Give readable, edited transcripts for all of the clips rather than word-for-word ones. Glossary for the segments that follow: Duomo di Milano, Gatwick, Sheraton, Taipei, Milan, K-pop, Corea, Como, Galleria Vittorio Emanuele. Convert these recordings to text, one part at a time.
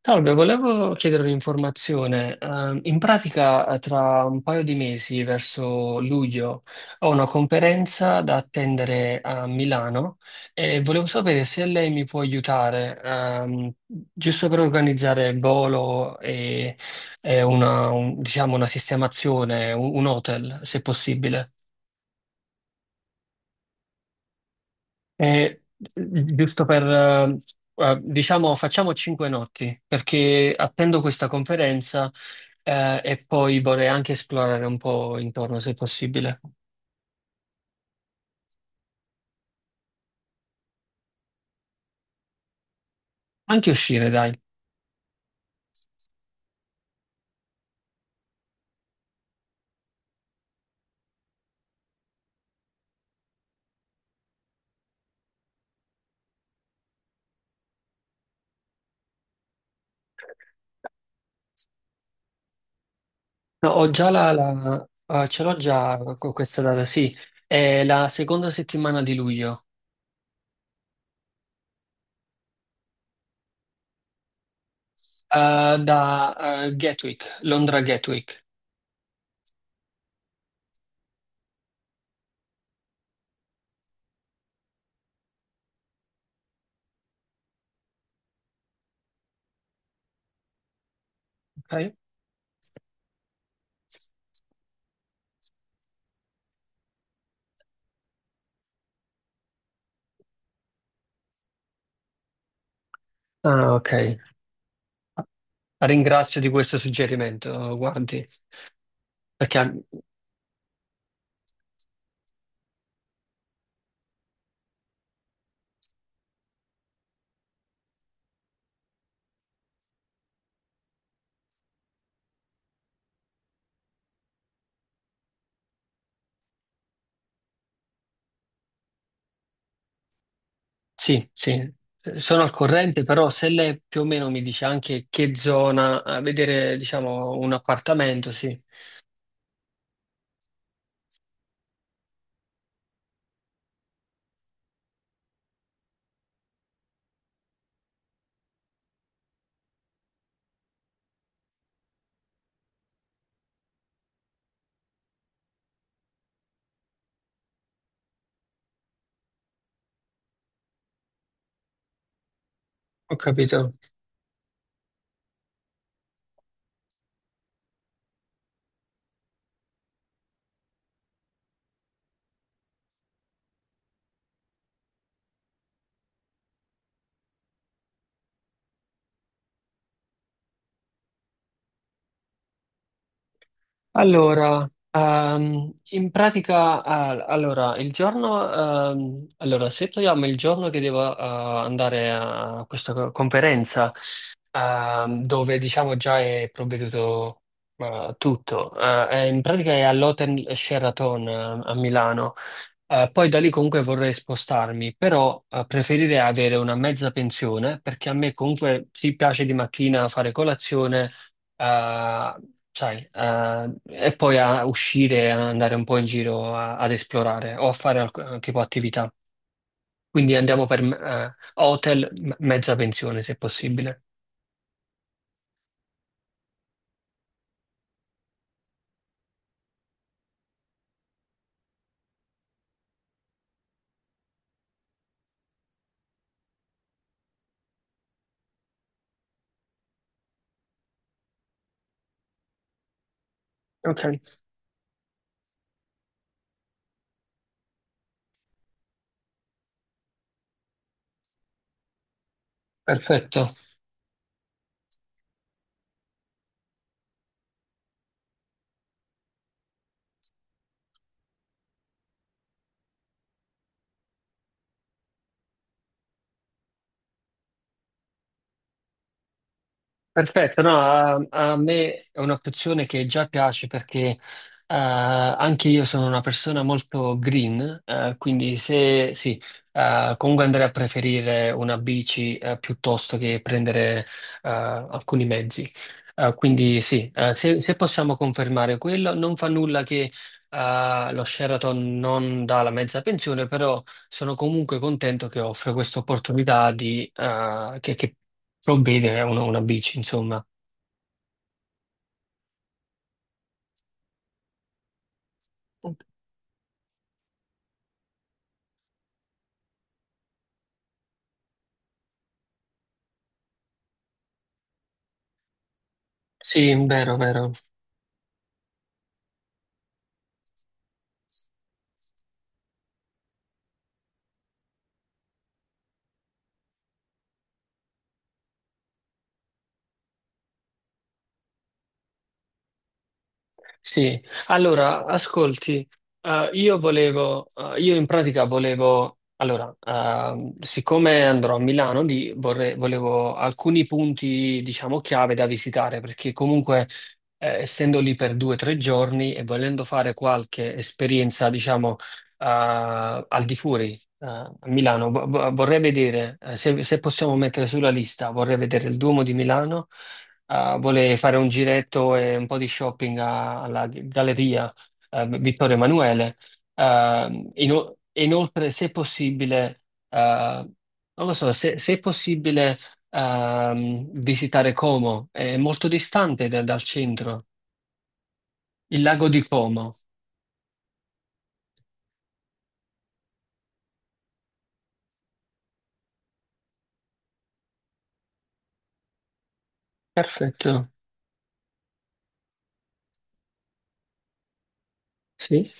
Salve, volevo chiedere un'informazione. In pratica, tra un paio di mesi, verso luglio, ho una conferenza da attendere a Milano e volevo sapere se lei mi può aiutare, giusto per organizzare il volo e una, diciamo, una sistemazione, un hotel, se possibile. Giusto per, diciamo, facciamo 5 notti, perché attendo questa conferenza, e poi vorrei anche esplorare un po' intorno, se possibile. Anche uscire, dai. No, ho già ce l'ho già con questa data, sì. È la seconda settimana di luglio, da Gatwick, Londra Gatwick, ok? Ah, ok. Ringrazio di questo suggerimento, guardi, perché... Sì, sì, sono al corrente, però se lei più o meno mi dice anche che zona, a vedere, diciamo, un appartamento, sì, ho capito. Allora, in pratica, ah, allora, il giorno, allora, se togliamo il giorno che devo, andare a questa conferenza, dove diciamo già è provveduto, tutto, in pratica è all'Hotel Sheraton, a Milano. Poi da lì comunque vorrei spostarmi, però preferirei avere una mezza pensione perché a me comunque si piace di mattina fare colazione, eh, sai, e poi a uscire, a andare un po' in giro ad esplorare o a fare tipo attività. Quindi andiamo per hotel, mezza pensione se possibile. Ok. Perfetto. Perfetto, no, a me è un'opzione che già piace perché anche io sono una persona molto green, quindi se sì, comunque andrei a preferire una bici piuttosto che prendere alcuni mezzi. Quindi sì, se possiamo confermare quello, non fa nulla che lo Sheraton non dà la mezza pensione, però sono comunque contento che offre questa opportunità di, che ho bene, una bici, insomma. Ok. Sì, vero, vero. Sì, allora, ascolti, io volevo, io in pratica volevo, allora, siccome andrò a Milano, volevo alcuni punti, diciamo, chiave da visitare, perché comunque, essendo lì per 2 o 3 giorni e volendo fare qualche esperienza, diciamo, al di fuori, a Milano, vorrei vedere, se possiamo mettere sulla lista, vorrei vedere il Duomo di Milano, ah, vuole fare un giretto e un po' di shopping alla Galleria Vittorio Emanuele. E inoltre, se possibile, non lo so, se è possibile visitare Como, è molto distante dal centro, il lago di Como. Perfetto, sì,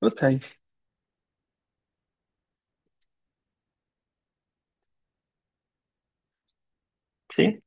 ok, sì.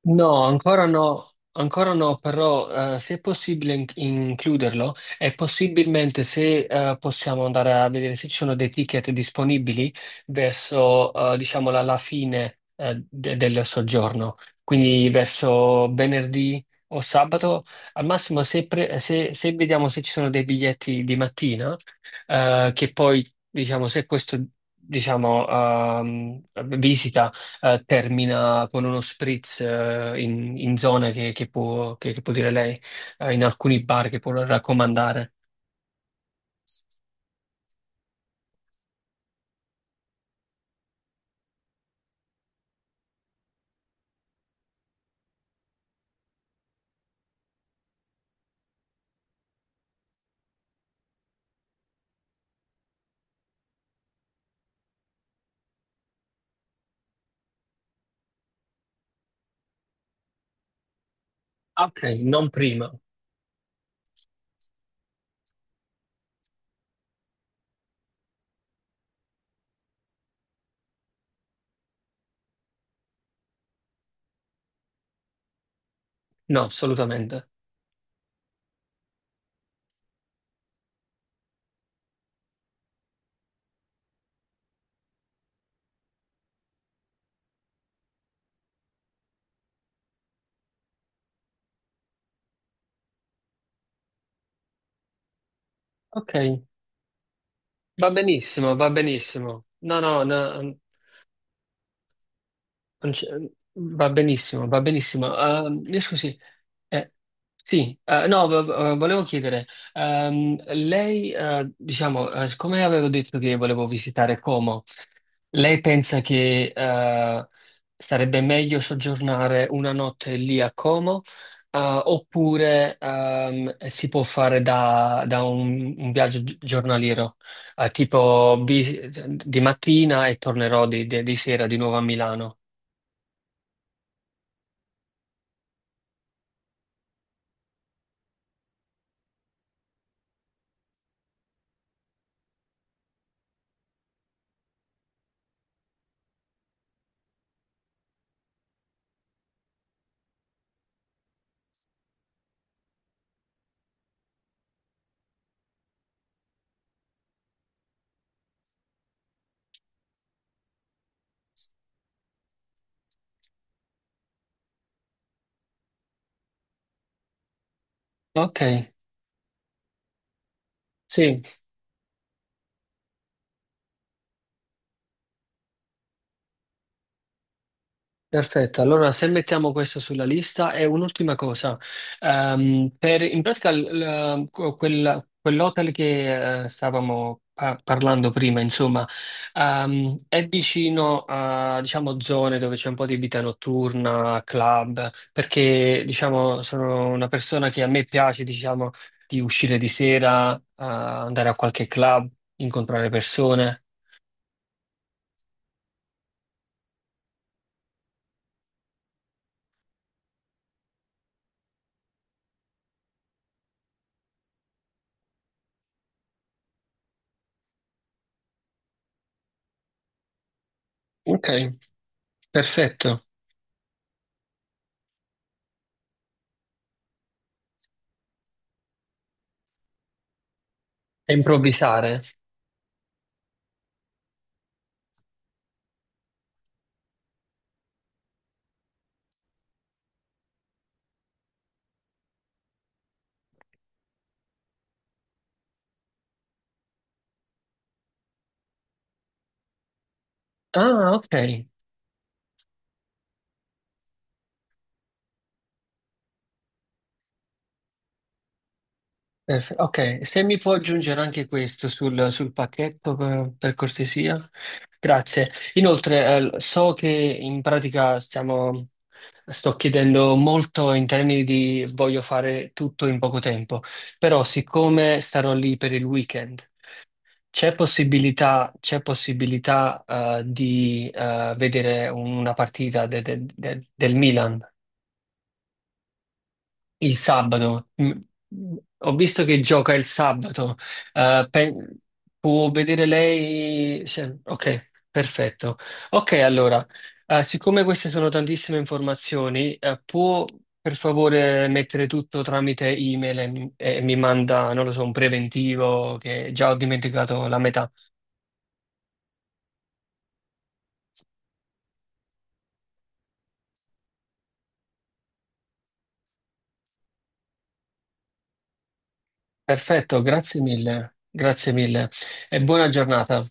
No, ancora no, ancora no, però se è possibile includerlo e possibilmente se possiamo andare a vedere se ci sono dei ticket disponibili verso, diciamo, la fine del soggiorno, quindi verso venerdì o sabato, al massimo se vediamo se ci sono dei biglietti di mattina, che poi, diciamo, se questo, diciamo, visita termina con uno spritz in zone che può, che può dire lei, in alcuni bar che può raccomandare. Ok, non prima, no, assolutamente. Ok, va benissimo, va benissimo. No, no, no, non c'è- va benissimo, va benissimo. Mi scusi, eh, sì, no, vo- vo- volevo chiedere, lei, diciamo, siccome avevo detto che volevo visitare Como, lei pensa che sarebbe meglio soggiornare una notte lì a Como, oppure si può fare da un viaggio giornaliero, tipo di mattina e tornerò di sera di nuovo a Milano. Ok, sì. Perfetto, allora se mettiamo questo sulla lista e un'ultima cosa, in pratica quell'hotel che stavamo parlando prima, insomma, è vicino a, diciamo, zone dove c'è un po' di vita notturna, club, perché diciamo, sono una persona che a me piace, diciamo, di uscire di sera, andare a qualche club, incontrare persone. Ok, perfetto. E improvvisare. Ah, ok. Ok, se mi può aggiungere anche questo sul pacchetto per cortesia. Grazie. Inoltre, so che in pratica sto chiedendo molto in termini di voglio fare tutto in poco tempo, però siccome starò lì per il weekend, c'è possibilità, di vedere una partita del Milan? Il sabato. Ho visto che gioca il sabato. Eh, pe- Può vedere lei? Cioè, ok, perfetto. Ok, allora, siccome queste sono tantissime informazioni, può per favore mettere tutto tramite email e mi manda, non lo so, un preventivo che già ho dimenticato la metà. Perfetto, grazie mille. Grazie mille e buona giornata.